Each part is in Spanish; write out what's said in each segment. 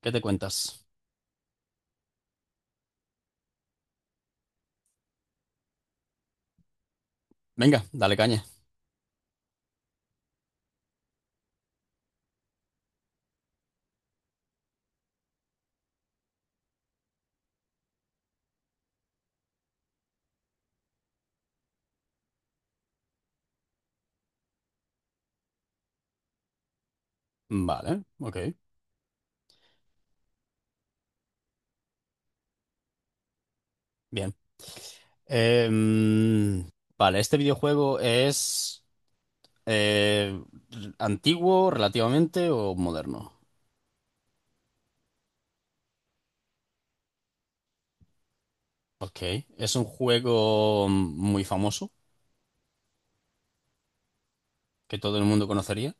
¿Qué te cuentas? Venga, dale caña. Vale, ok, bien. Em, vale, ¿este videojuego es eh, antiguo relativamente o moderno? Ok, es un juego muy famoso que todo el mundo conocería.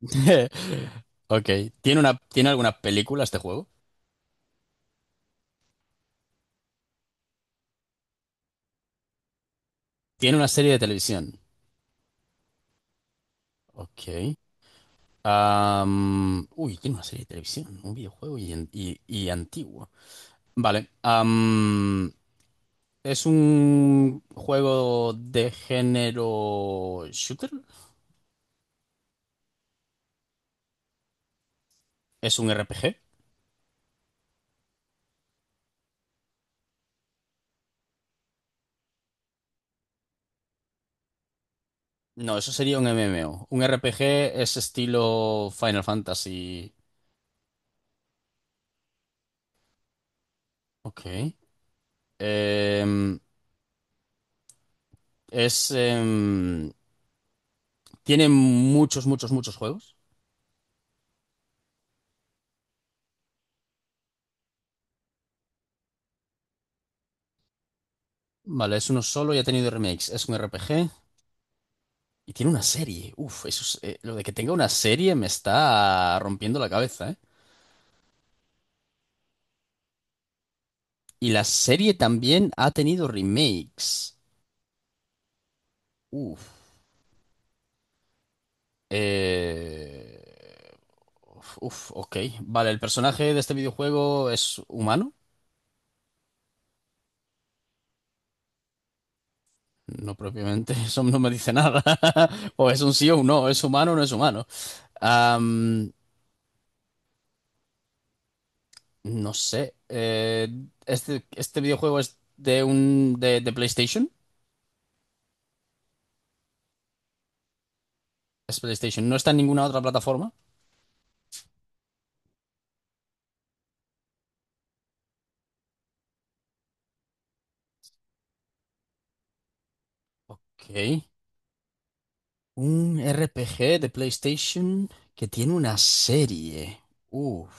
Ok, ¿tiene alguna película este juego? Tiene una serie de televisión. Ok. Tiene una serie de televisión, un videojuego y antiguo. Vale. Es un juego de género shooter. Es un RPG. No, eso sería un MMO. Un RPG es estilo Final Fantasy. Ok. Em, es. em, Tiene muchos juegos. Vale, es uno solo y ha tenido remakes. Es un RPG y tiene una serie. Uf, lo de que tenga una serie me está rompiendo la cabeza, ¿eh? Y la serie también ha tenido remakes. Uf. Eh... ok. Vale, el personaje de este videojuego es humano. No propiamente, eso no me dice nada. O es un sí o un no, es humano o no es humano. Am, no sé. Este videojuego es de PlayStation. Es PlayStation. No está en ninguna otra plataforma. Ok. Un RPG de PlayStation que tiene una serie. Uf.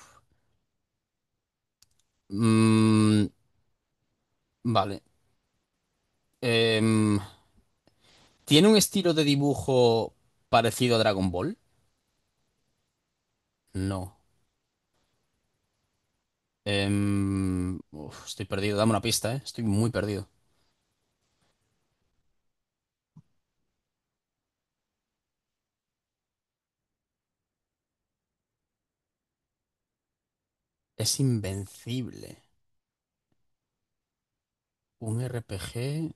Mm, vale. Em, ¿Tiene un estilo de dibujo parecido a Dragon Ball? No. Estoy perdido, dame una pista, ¿eh? Estoy muy perdido. Es invencible. Un RPG,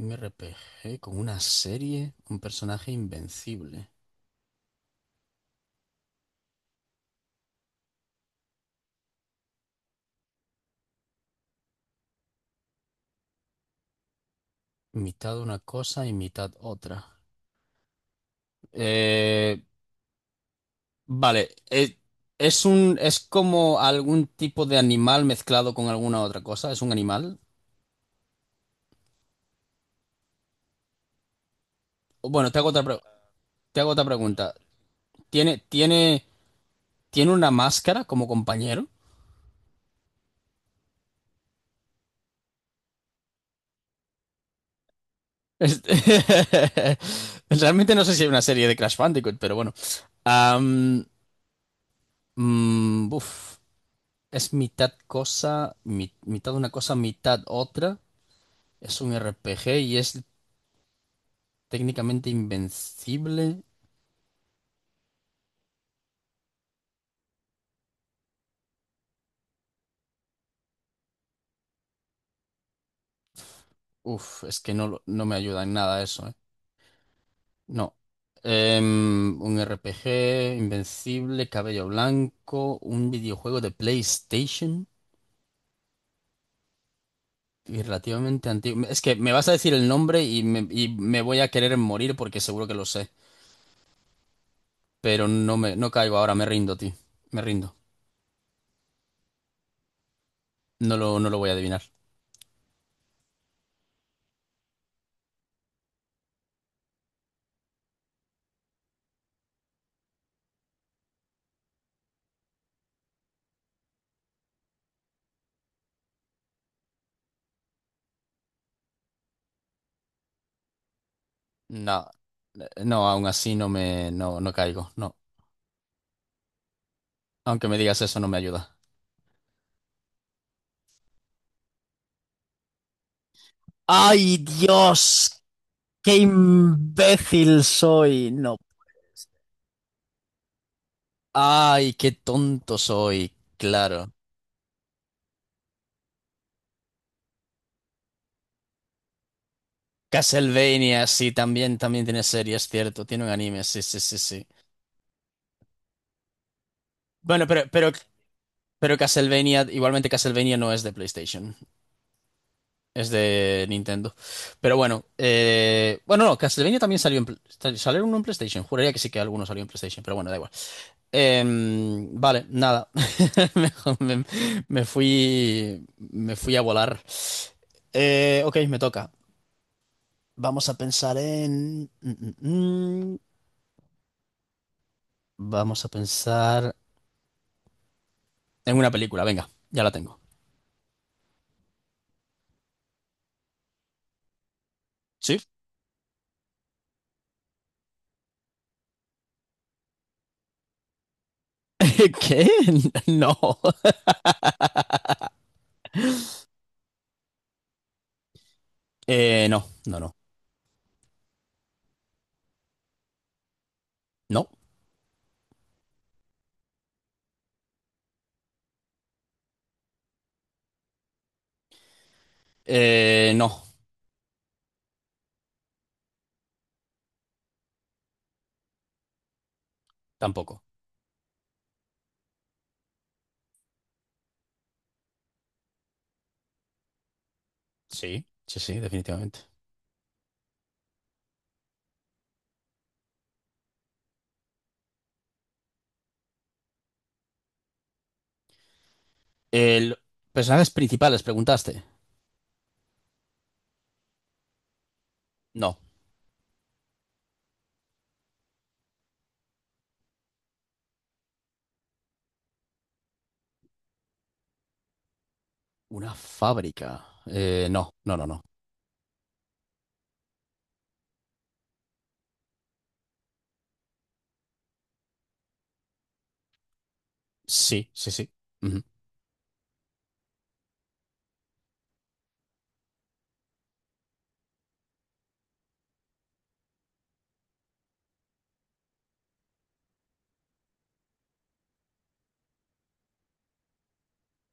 un RPG con una serie, un personaje invencible. Mitad una cosa y mitad otra. Eh, vale, es como algún tipo de animal mezclado con alguna otra cosa. ¿Es un animal? Bueno, te hago otra pregunta. ¿Tiene, tiene ¿Tiene una máscara como compañero? Este- realmente no sé si hay una serie de Crash Bandicoot, pero bueno. Am, mm, uf, es mitad una cosa, mitad otra. Es un RPG y es técnicamente invencible. Uf, es que no me ayuda en nada eso, eh. No. Un RPG, invencible, cabello blanco, un videojuego de PlayStation. Y relativamente antiguo. Es que me vas a decir el nombre y y me voy a querer morir porque seguro que lo sé. Pero no caigo ahora, me rindo, tío. Me rindo. No lo voy a adivinar. No, no, aún así no caigo. No. Aunque me digas eso, no me ayuda. ¡Ay, Dios! ¡Qué imbécil soy! No. Ay, qué tonto soy. Claro. Castlevania, sí, también tiene series, cierto. Tiene un anime, sí, sí, sí, sí. Bueno, pero, pero Pero Castlevania, igualmente Castlevania no es de PlayStation, es de Nintendo. Pero bueno, no, Castlevania también salió salió uno en PlayStation. Juraría que sí que alguno salió en PlayStation, pero bueno, da igual. Vale, nada. Me, me- Me fui, a volar. Ok, me toca. Vamos a pensar en... mm, mm. Vamos a pensar en una película, venga, ya la tengo. ¿Sí? ¿Qué? No. No, no, no. No. No, tampoco. Sí, sí, sí, definitivamente. El, Personajes principales, preguntaste. No. Una fábrica. No, no, no, no. Sí, sí, sí. Ujú,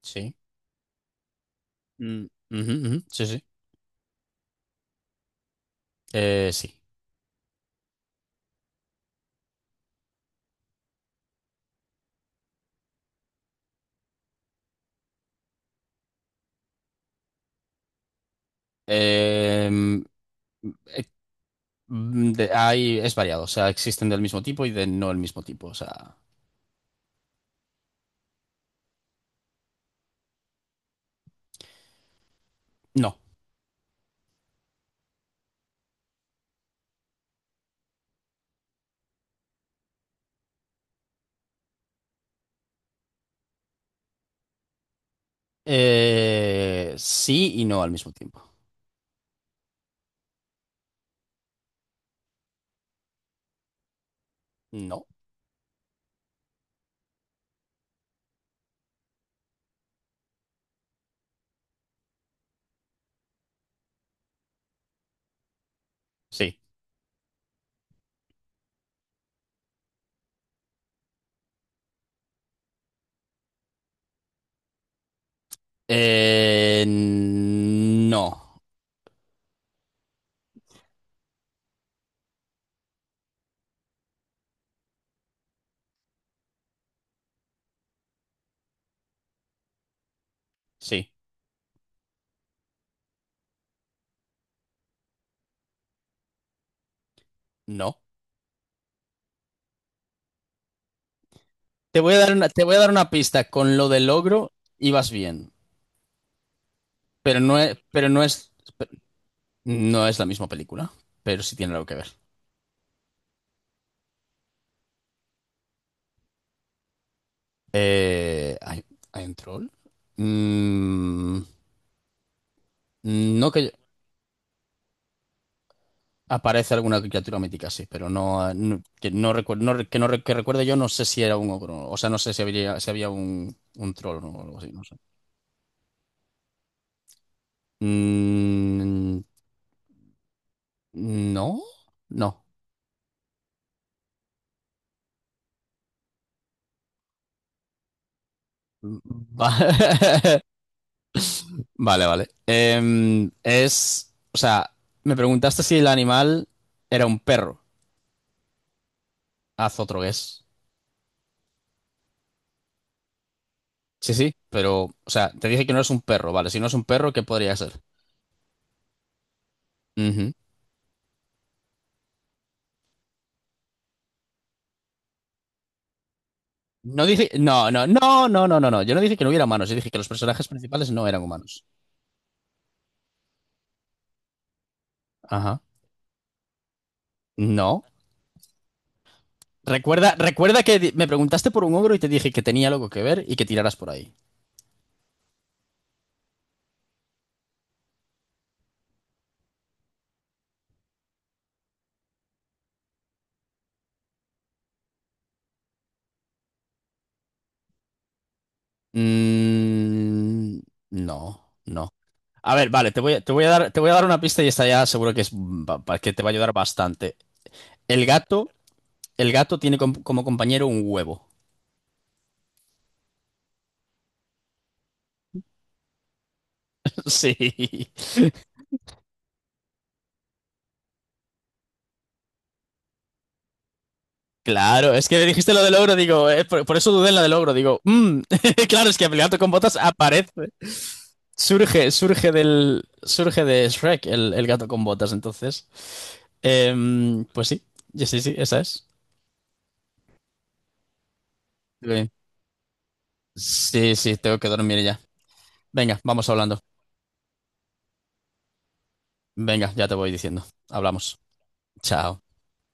sí. Mm, ujú, ujú, sí, sí. Sí. Em, eh, Hay, es variado. O sea, existen del mismo tipo y de no el mismo tipo. O sea, no. Sí y no al mismo tiempo. No. Sí. No. Sí. No. Te voy a dar una pista. Con lo del ogro ibas bien, pero pero no es, no es la misma película, pero sí tiene algo que ver. Eh, ¿hay, ¿Hay un troll? Mm, no que aparece alguna criatura mítica, sí, pero que no recuerdo, que recuerde yo, no sé si era un ogro, o sea, no sé si habría, si había un troll o algo así, no sé. Mm, no, no. Va- vale, vale. O sea, me preguntaste si el animal era un perro. Haz otro guess. Sí, sí, pero, o sea, te dije que no es un perro, vale. Si no es un perro, ¿qué podría ser? Ujú. No, no, no, no, no, no, no. Yo no dije que no hubiera humanos. Yo dije que los personajes principales no eran humanos. Ajá. No. Recuerda que me preguntaste por un ogro y te dije que tenía algo que ver y que tiraras por ahí. Mm, no, no. A ver, vale, te voy a dar una pista y esta ya seguro que que te va a ayudar bastante. El gato, el gato tiene como compañero un huevo. Sí, claro, es que dijiste lo del ogro, digo, por eso dudé en la del ogro, digo, mm, claro, es que el gato con botas aparece, surge de Shrek el gato con botas, entonces, pues sí, sí, esa es. Bien. Sí, sí, tengo que dormir ya. Venga, vamos hablando. Venga, ya te voy diciendo. Hablamos. Chao.